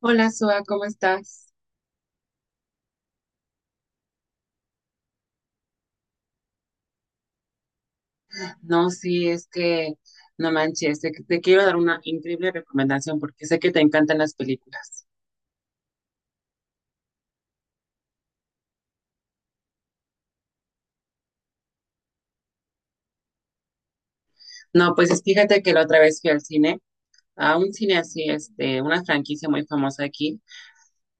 Hola, Soa, ¿cómo estás? No, sí, es que no manches, te quiero dar una increíble recomendación porque sé que te encantan las películas. No, pues fíjate que la otra vez fui al cine, a un cine así, este, una franquicia muy famosa aquí,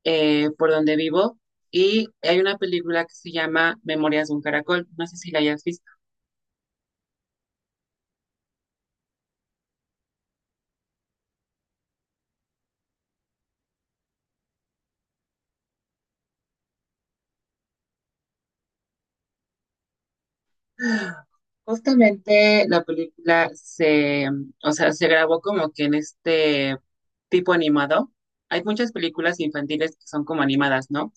por donde vivo, y hay una película que se llama Memorias de un Caracol, no sé si la hayas visto. Justamente la película se, o sea, se grabó como que en este tipo animado. Hay muchas películas infantiles que son como animadas, ¿no?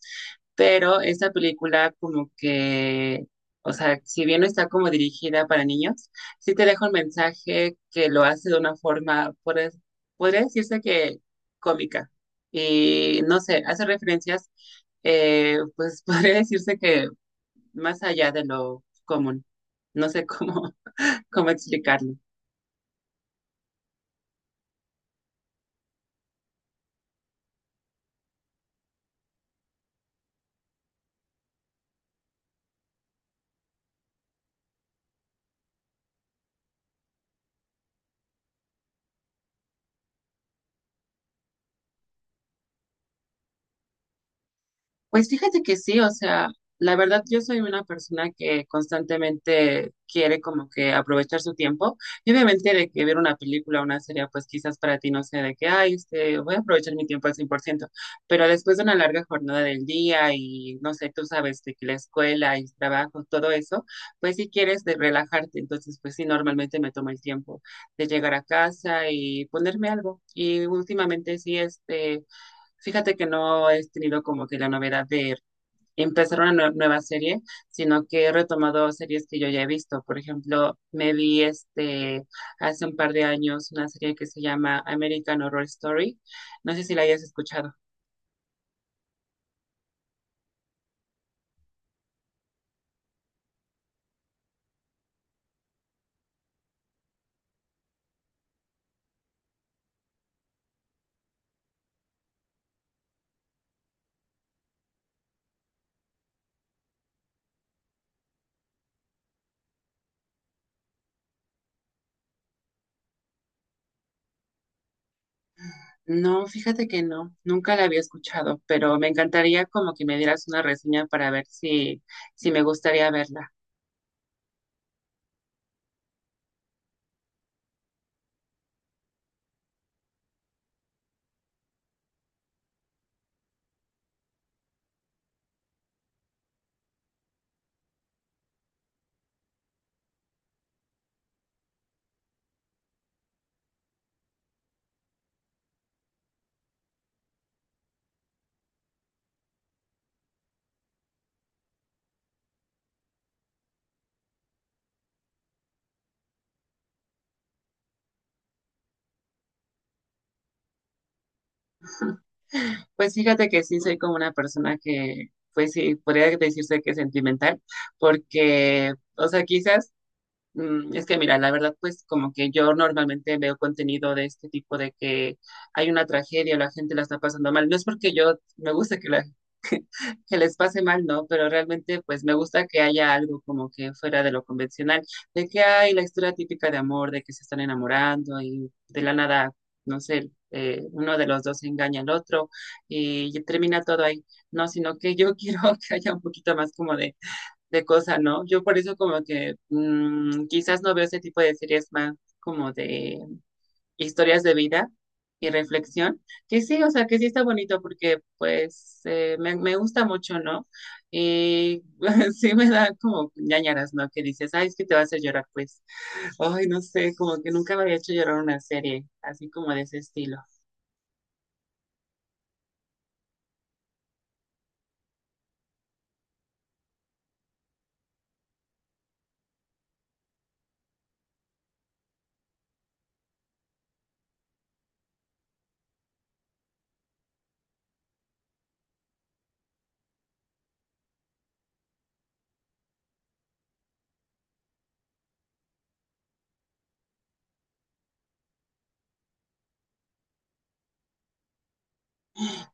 Pero esta película como que, o sea, si bien no está como dirigida para niños, sí te deja un mensaje que lo hace de una forma, podría decirse que cómica. Y no sé, hace referencias, pues podría decirse que más allá de lo común. No sé cómo, cómo explicarlo. Pues fíjate que sí, o sea, la verdad yo soy una persona que constantemente quiere como que aprovechar su tiempo y obviamente de que ver una película o una serie pues quizás para ti no sea de que, ay, este, voy a aprovechar mi tiempo al 100%. Pero después de una larga jornada del día y no sé, tú sabes de que la escuela y el trabajo, todo eso, pues si quieres de relajarte, entonces pues sí, normalmente me tomo el tiempo de llegar a casa y ponerme algo y últimamente sí, este... Fíjate que no he tenido como que la novedad de empezar una nueva serie, sino que he retomado series que yo ya he visto. Por ejemplo, me vi este hace un par de años una serie que se llama American Horror Story. No sé si la hayas escuchado. No, fíjate que no, nunca la había escuchado, pero me encantaría como que me dieras una reseña para ver si, si me gustaría verla. Pues fíjate que sí soy como una persona que, pues sí, podría decirse que es sentimental, porque, o sea, quizás es que mira, la verdad, pues como que yo normalmente veo contenido de este tipo de que hay una tragedia, la gente la está pasando mal. No es porque yo me gusta que, que les pase mal, no, pero realmente pues me gusta que haya algo como que fuera de lo convencional, de que hay la historia típica de amor, de que se están enamorando y de la nada, no sé, uno de los dos engaña al otro y termina todo ahí. No, sino que yo quiero que haya un poquito más como de cosa, ¿no? Yo por eso como que quizás no veo ese tipo de series más como de historias de vida y reflexión, que sí, o sea, que sí está bonito porque pues me gusta mucho, ¿no? Y sí me da como ñañaras, ¿no? Que dices, ay, es que te va a hacer llorar, pues, ay, no sé, como que nunca me había hecho llorar una serie así como de ese estilo.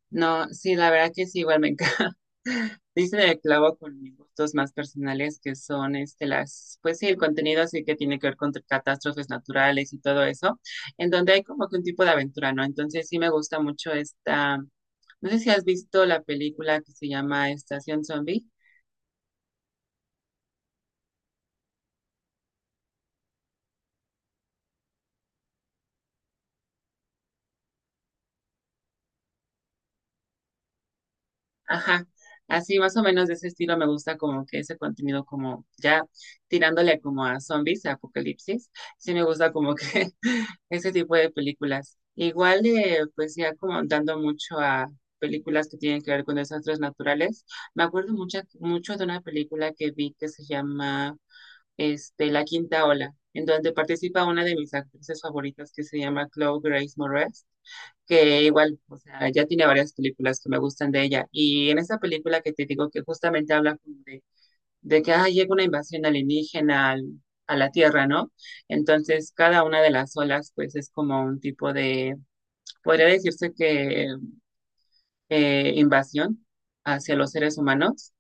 No, sí, la verdad que sí, igual me encanta. Dice el clavo con mis gustos más personales, que son este, las, pues sí, el contenido así que tiene que ver con catástrofes naturales y todo eso, en donde hay como que un tipo de aventura, ¿no? Entonces sí me gusta mucho esta, no sé si has visto la película que se llama Estación Zombie. Ajá, así más o menos de ese estilo me gusta como que ese contenido como ya tirándole como a zombies, a apocalipsis, sí me gusta como que ese tipo de películas. Igual pues ya como dando mucho a películas que tienen que ver con desastres naturales. Me acuerdo mucho de una película que vi que se llama este, La Quinta Ola, en donde participa una de mis actrices favoritas que se llama Chloe Grace Moretz que igual, o sea, ya tiene varias películas que me gustan de ella. Y en esa película que te digo que justamente habla como de que ah, llega una invasión alienígena a la Tierra, ¿no? Entonces, cada una de las olas, pues es como un tipo de, podría decirse que invasión hacia los seres humanos.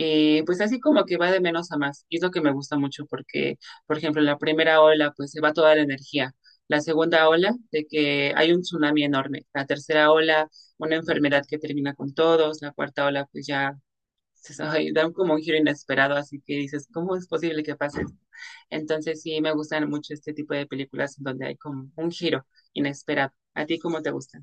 Pues así como que va de menos a más. Y es lo que me gusta mucho porque, por ejemplo, en la primera ola, pues se va toda la energía. La segunda ola, de que hay un tsunami enorme. La tercera ola, una enfermedad que termina con todos. La cuarta ola, pues ya se ay, dan como un giro inesperado, así que dices, ¿cómo es posible que pase esto? Entonces sí me gustan mucho este tipo de películas en donde hay como un giro inesperado. ¿A ti cómo te gusta?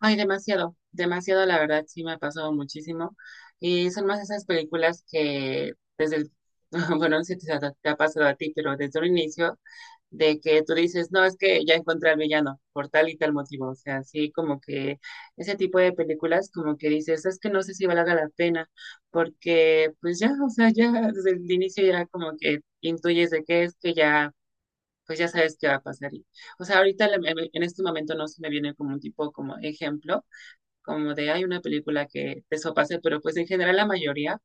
Ay, demasiado, demasiado, la verdad, sí me ha pasado muchísimo. Y son más esas películas que desde el, bueno, no sé si te ha, te ha pasado a ti, pero desde un inicio, de que tú dices, no, es que ya encontré al villano por tal y tal motivo. O sea, sí, como que ese tipo de películas, como que dices, es que no sé si valga la pena, porque pues ya, o sea, ya desde el inicio ya como que intuyes de qué es que ya, pues ya sabes qué va a pasar. Y, o sea, ahorita en este momento no se me viene como un tipo como ejemplo como de hay una película que eso pase, pero pues en general la mayoría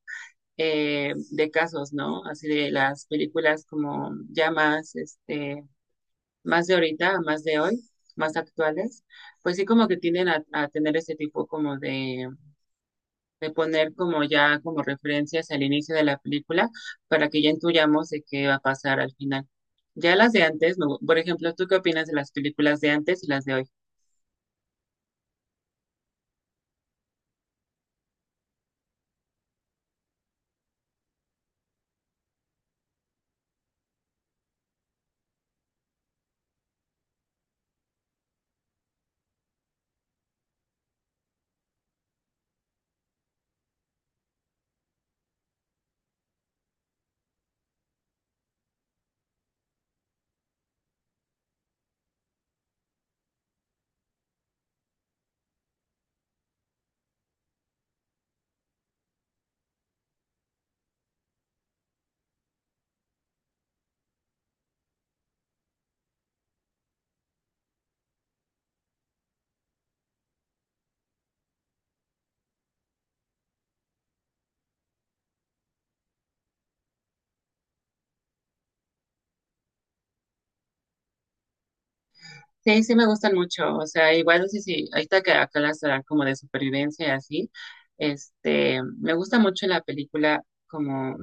de casos, ¿no? Así de las películas como ya más, este, más de ahorita, más de hoy, más actuales, pues sí como que tienden a tener este tipo como de poner como ya como referencias al inicio de la película para que ya intuyamos de qué va a pasar al final. Ya las de antes, no, por ejemplo, ¿tú qué opinas de las películas de antes y las de hoy? Sí, sí me gustan mucho, o sea, igual sí, sí. Si, ahorita que acá las dan como de supervivencia y así, este, me gusta mucho la película como,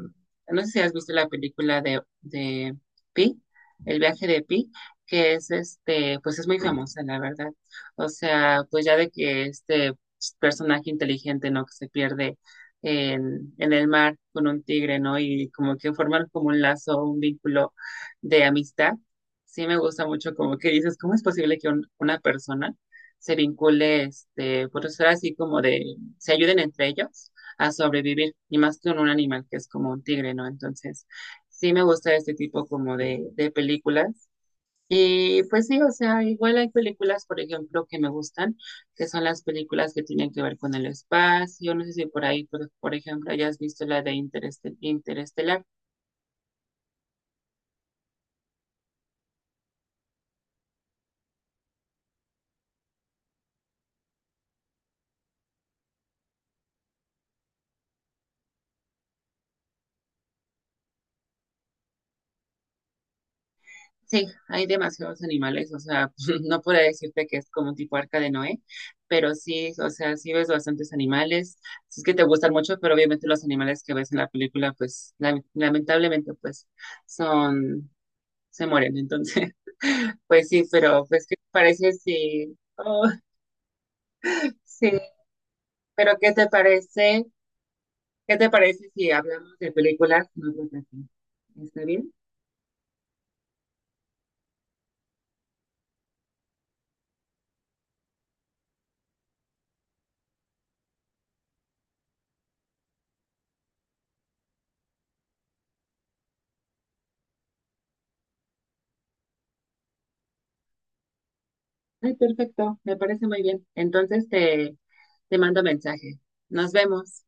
no sé si has visto la película de Pi, El viaje de Pi, que es este, pues es muy famosa, la verdad, o sea, pues ya de que este personaje inteligente, ¿no? Que se pierde en el mar con un tigre, ¿no? Y como que forman como un lazo, un vínculo de amistad sí me gusta mucho como que dices, ¿cómo es posible que una persona se vincule, este, por ser así como de, se ayuden entre ellos a sobrevivir, y más con un animal que es como un tigre, ¿no? Entonces, sí me gusta este tipo como de películas. Y pues sí, o sea, igual hay películas, por ejemplo, que me gustan, que son las películas que tienen que ver con el espacio. No sé si por ahí, por ejemplo, hayas visto la de Interestelar. Sí, hay demasiados animales, o sea, no puedo decirte que es como un tipo arca de Noé, pero sí, o sea, sí ves bastantes animales, si es que te gustan mucho, pero obviamente los animales que ves en la película, pues lamentablemente, pues son, se mueren, entonces, pues sí, pero pues, ¿qué te parece si, oh, sí, pero qué te parece si hablamos de películas en otra ocasión? ¿Está bien? Ay, perfecto, me parece muy bien. Entonces, te... Te mando mensaje. Nos vemos.